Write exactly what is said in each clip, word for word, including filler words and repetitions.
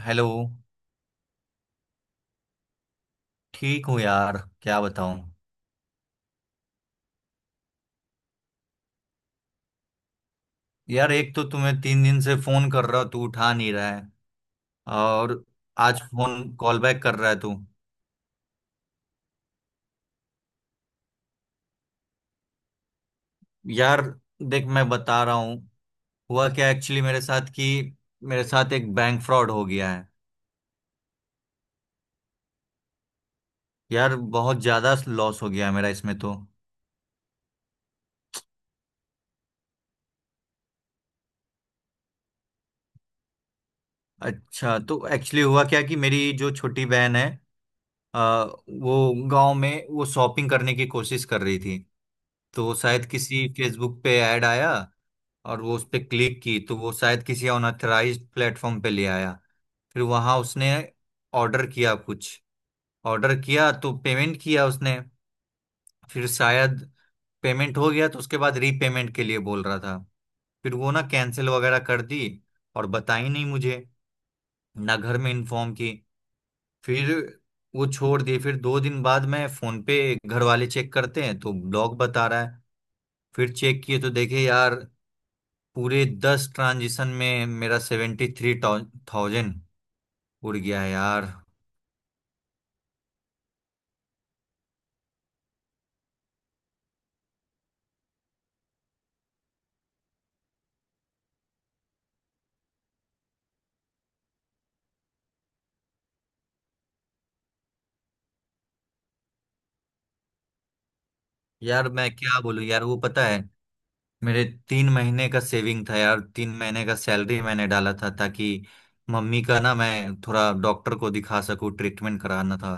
Hello. ठीक हूँ यार, क्या बताऊँ। यार एक तो तुम्हें तीन दिन से फोन कर रहा हूँ, तू उठा नहीं रहा है और आज फोन कॉल बैक कर रहा है तू। यार देख मैं बता रहा हूँ, हुआ क्या एक्चुअली मेरे साथ कि मेरे साथ एक बैंक फ्रॉड हो गया है। यार बहुत ज्यादा लॉस हो गया है मेरा इसमें तो। अच्छा, तो एक्चुअली हुआ क्या कि मेरी जो छोटी बहन है, आ, वो गांव में वो शॉपिंग करने की कोशिश कर रही थी। तो शायद किसी फेसबुक पे ऐड आया और वो उस पर क्लिक की तो वो शायद किसी अनऑथराइज्ड प्लेटफॉर्म पे ले आया। फिर वहां उसने ऑर्डर किया कुछ, ऑर्डर किया तो पेमेंट किया उसने। फिर शायद पेमेंट हो गया तो उसके बाद रीपेमेंट के लिए बोल रहा था। फिर वो ना कैंसिल वगैरह कर दी और बताई नहीं मुझे, ना घर में इन्फॉर्म की। फिर वो छोड़ दिए, फिर दो दिन बाद मैं फोन पे घर वाले चेक करते हैं तो ब्लॉग बता रहा है। फिर चेक किए तो देखे यार, पूरे दस ट्रांजिशन में मेरा सेवेंटी थ्री थाउजेंड उड़ गया है यार। यार मैं क्या बोलूं यार, वो पता है मेरे तीन महीने का सेविंग था यार, तीन महीने का सैलरी मैंने डाला था ताकि मम्मी का ना मैं थोड़ा डॉक्टर को दिखा सकूं, ट्रीटमेंट कराना था।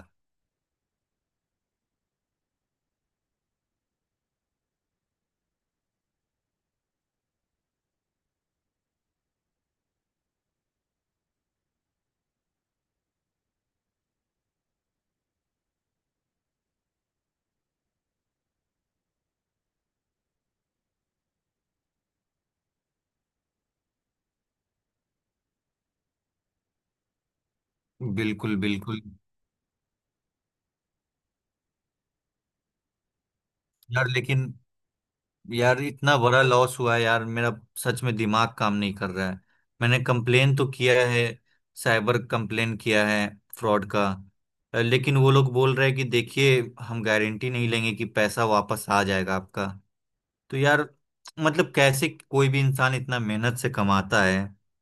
बिल्कुल बिल्कुल। यार लेकिन यार इतना बड़ा लॉस हुआ है यार मेरा, सच में दिमाग काम नहीं कर रहा है। मैंने कंप्लेन तो किया है, साइबर कंप्लेन किया है फ्रॉड का। अ, लेकिन वो लोग बोल रहे हैं कि देखिए हम गारंटी नहीं लेंगे कि पैसा वापस आ जाएगा आपका। तो यार मतलब कैसे कोई भी इंसान इतना मेहनत से कमाता है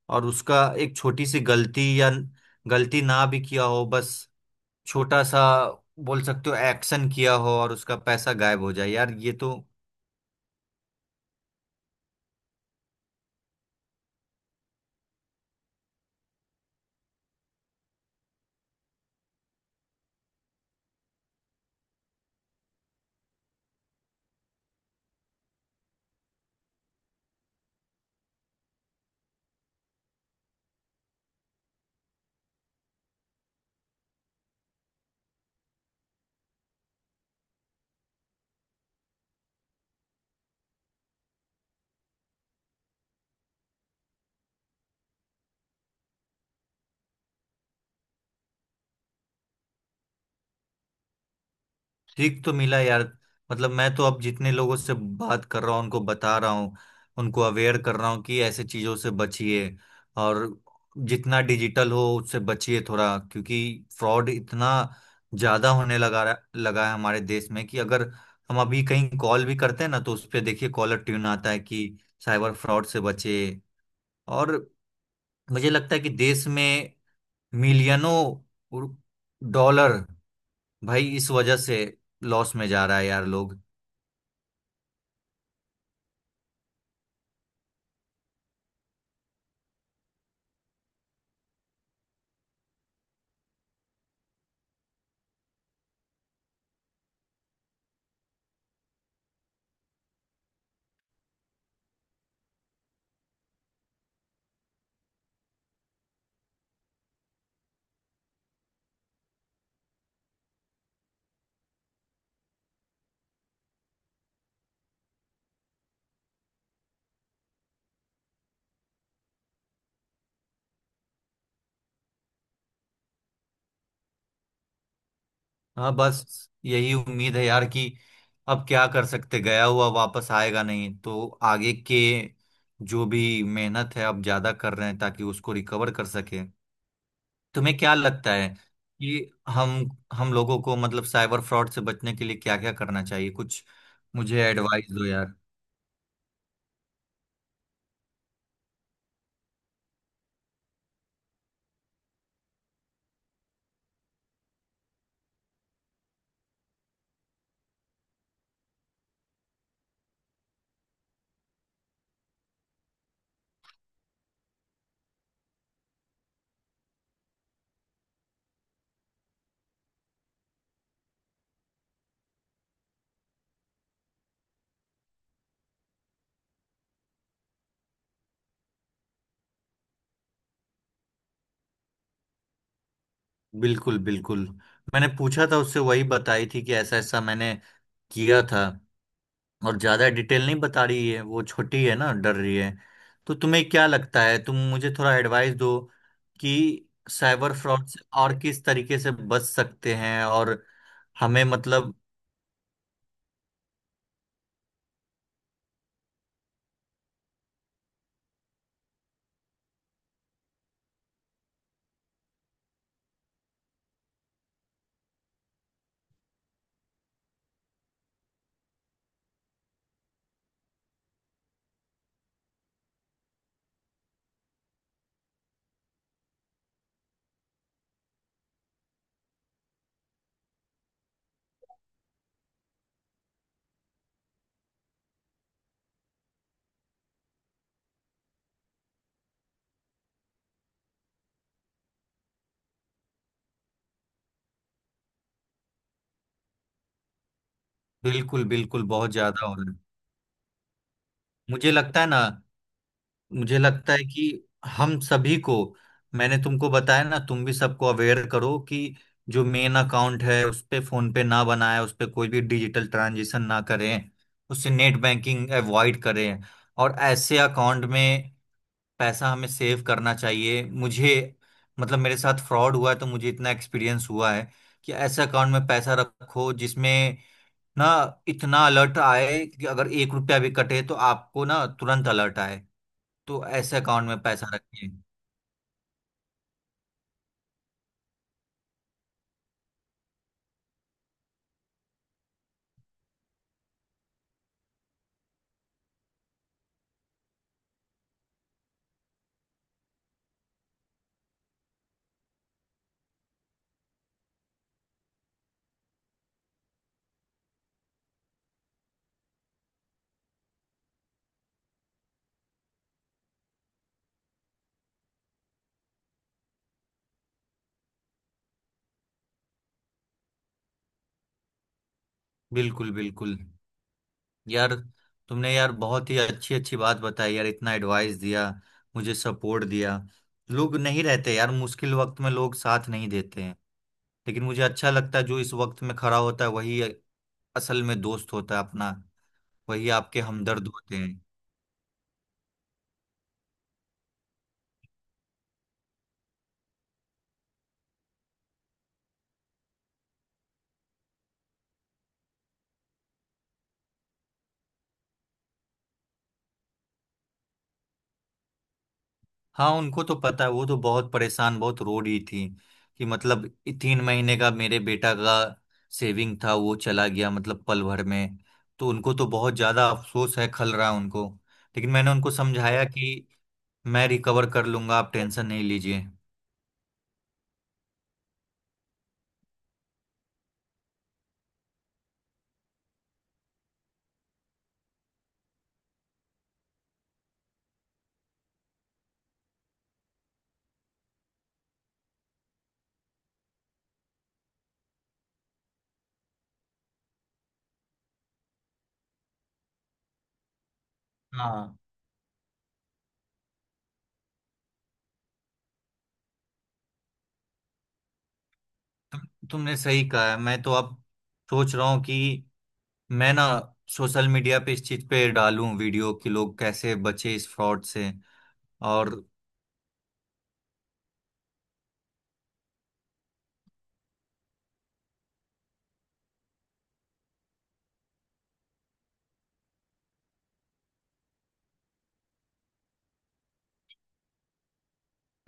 और उसका एक छोटी सी गलती या गलती ना भी किया हो, बस छोटा सा बोल सकते हो एक्शन किया हो और उसका पैसा गायब हो जाए यार, ये तो। ठीक तो मिला यार, मतलब मैं तो अब जितने लोगों से बात कर रहा हूँ उनको बता रहा हूँ, उनको अवेयर कर रहा हूँ कि ऐसे चीज़ों से बचिए और जितना डिजिटल हो उससे बचिए थोड़ा, क्योंकि फ्रॉड इतना ज़्यादा होने लगा रहा- लगा है हमारे देश में कि अगर हम अभी कहीं कॉल भी करते हैं ना तो उस पे देखिए कॉलर ट्यून आता है कि साइबर फ्रॉड से बचे। और मुझे लगता है कि देश में मिलियनों डॉलर भाई इस वजह से लॉस में जा रहा है यार लोग। हाँ बस यही उम्मीद है यार कि अब क्या कर सकते, गया हुआ वापस आएगा नहीं, तो आगे के जो भी मेहनत है अब ज्यादा कर रहे हैं ताकि उसको रिकवर कर सके। तुम्हें क्या लगता है कि हम हम लोगों को मतलब साइबर फ्रॉड से बचने के लिए क्या क्या करना चाहिए कुछ, मुझे एडवाइस दो यार। बिल्कुल बिल्कुल। मैंने पूछा था उससे, वही बताई थी कि ऐसा ऐसा मैंने किया था और ज्यादा डिटेल नहीं बता रही है, वो छोटी है ना, डर रही है। तो तुम्हें क्या लगता है, तुम मुझे थोड़ा एडवाइस दो कि साइबर फ्रॉड से और किस तरीके से बच सकते हैं और हमें मतलब। बिल्कुल बिल्कुल, बहुत ज्यादा हो रहा है। मुझे लगता है ना, मुझे लगता है कि हम सभी को, मैंने तुमको बताया ना, तुम भी सबको अवेयर करो कि जो मेन अकाउंट है उस पे फोन पे ना बनाएं, उस पे कोई भी डिजिटल ट्रांजेक्शन ना करें, उससे नेट बैंकिंग अवॉइड करें और ऐसे अकाउंट में पैसा हमें सेव करना चाहिए। मुझे मतलब मेरे साथ फ्रॉड हुआ है तो मुझे इतना एक्सपीरियंस हुआ है कि ऐसे अकाउंट में पैसा रखो जिसमें ना इतना अलर्ट आए कि अगर एक रुपया भी कटे तो आपको ना तुरंत अलर्ट आए, तो ऐसे अकाउंट में पैसा रखिए। बिल्कुल बिल्कुल। यार तुमने यार बहुत ही अच्छी अच्छी बात बताई यार, इतना एडवाइस दिया, मुझे सपोर्ट दिया। लोग नहीं रहते यार मुश्किल वक्त में, लोग साथ नहीं देते हैं, लेकिन मुझे अच्छा लगता है, जो इस वक्त में खड़ा होता है वही असल में दोस्त होता है अपना, वही आपके हमदर्द होते हैं। हाँ उनको तो पता है, वो तो बहुत परेशान, बहुत रो रही थी कि मतलब तीन महीने का मेरे बेटा का सेविंग था, वो चला गया मतलब पल भर में। तो उनको तो बहुत ज्यादा अफसोस है, खल रहा है उनको, लेकिन मैंने उनको समझाया कि मैं रिकवर कर लूंगा, आप टेंशन नहीं लीजिए। हाँ, तुम- तुमने सही कहा है, मैं तो अब सोच रहा हूँ कि मैं ना सोशल मीडिया पे इस चीज पे डालूं वीडियो कि लोग कैसे बचे इस फ्रॉड से। और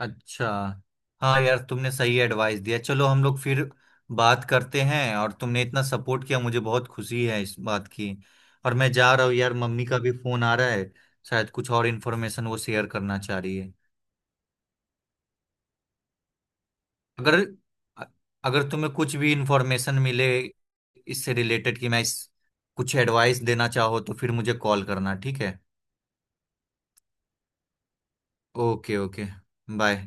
अच्छा, हाँ यार, तुमने सही एडवाइस दिया, चलो हम लोग फिर बात करते हैं, और तुमने इतना सपोर्ट किया, मुझे बहुत खुशी है इस बात की। और मैं जा रहा हूँ यार, मम्मी का भी फोन आ रहा है, शायद कुछ और इन्फॉर्मेशन वो शेयर करना चाह रही है। अगर अगर तुम्हें कुछ भी इन्फॉर्मेशन मिले इससे रिलेटेड कि मैं इस, कुछ एडवाइस देना चाहो तो फिर मुझे कॉल करना, ठीक है। Okay okay. बाय।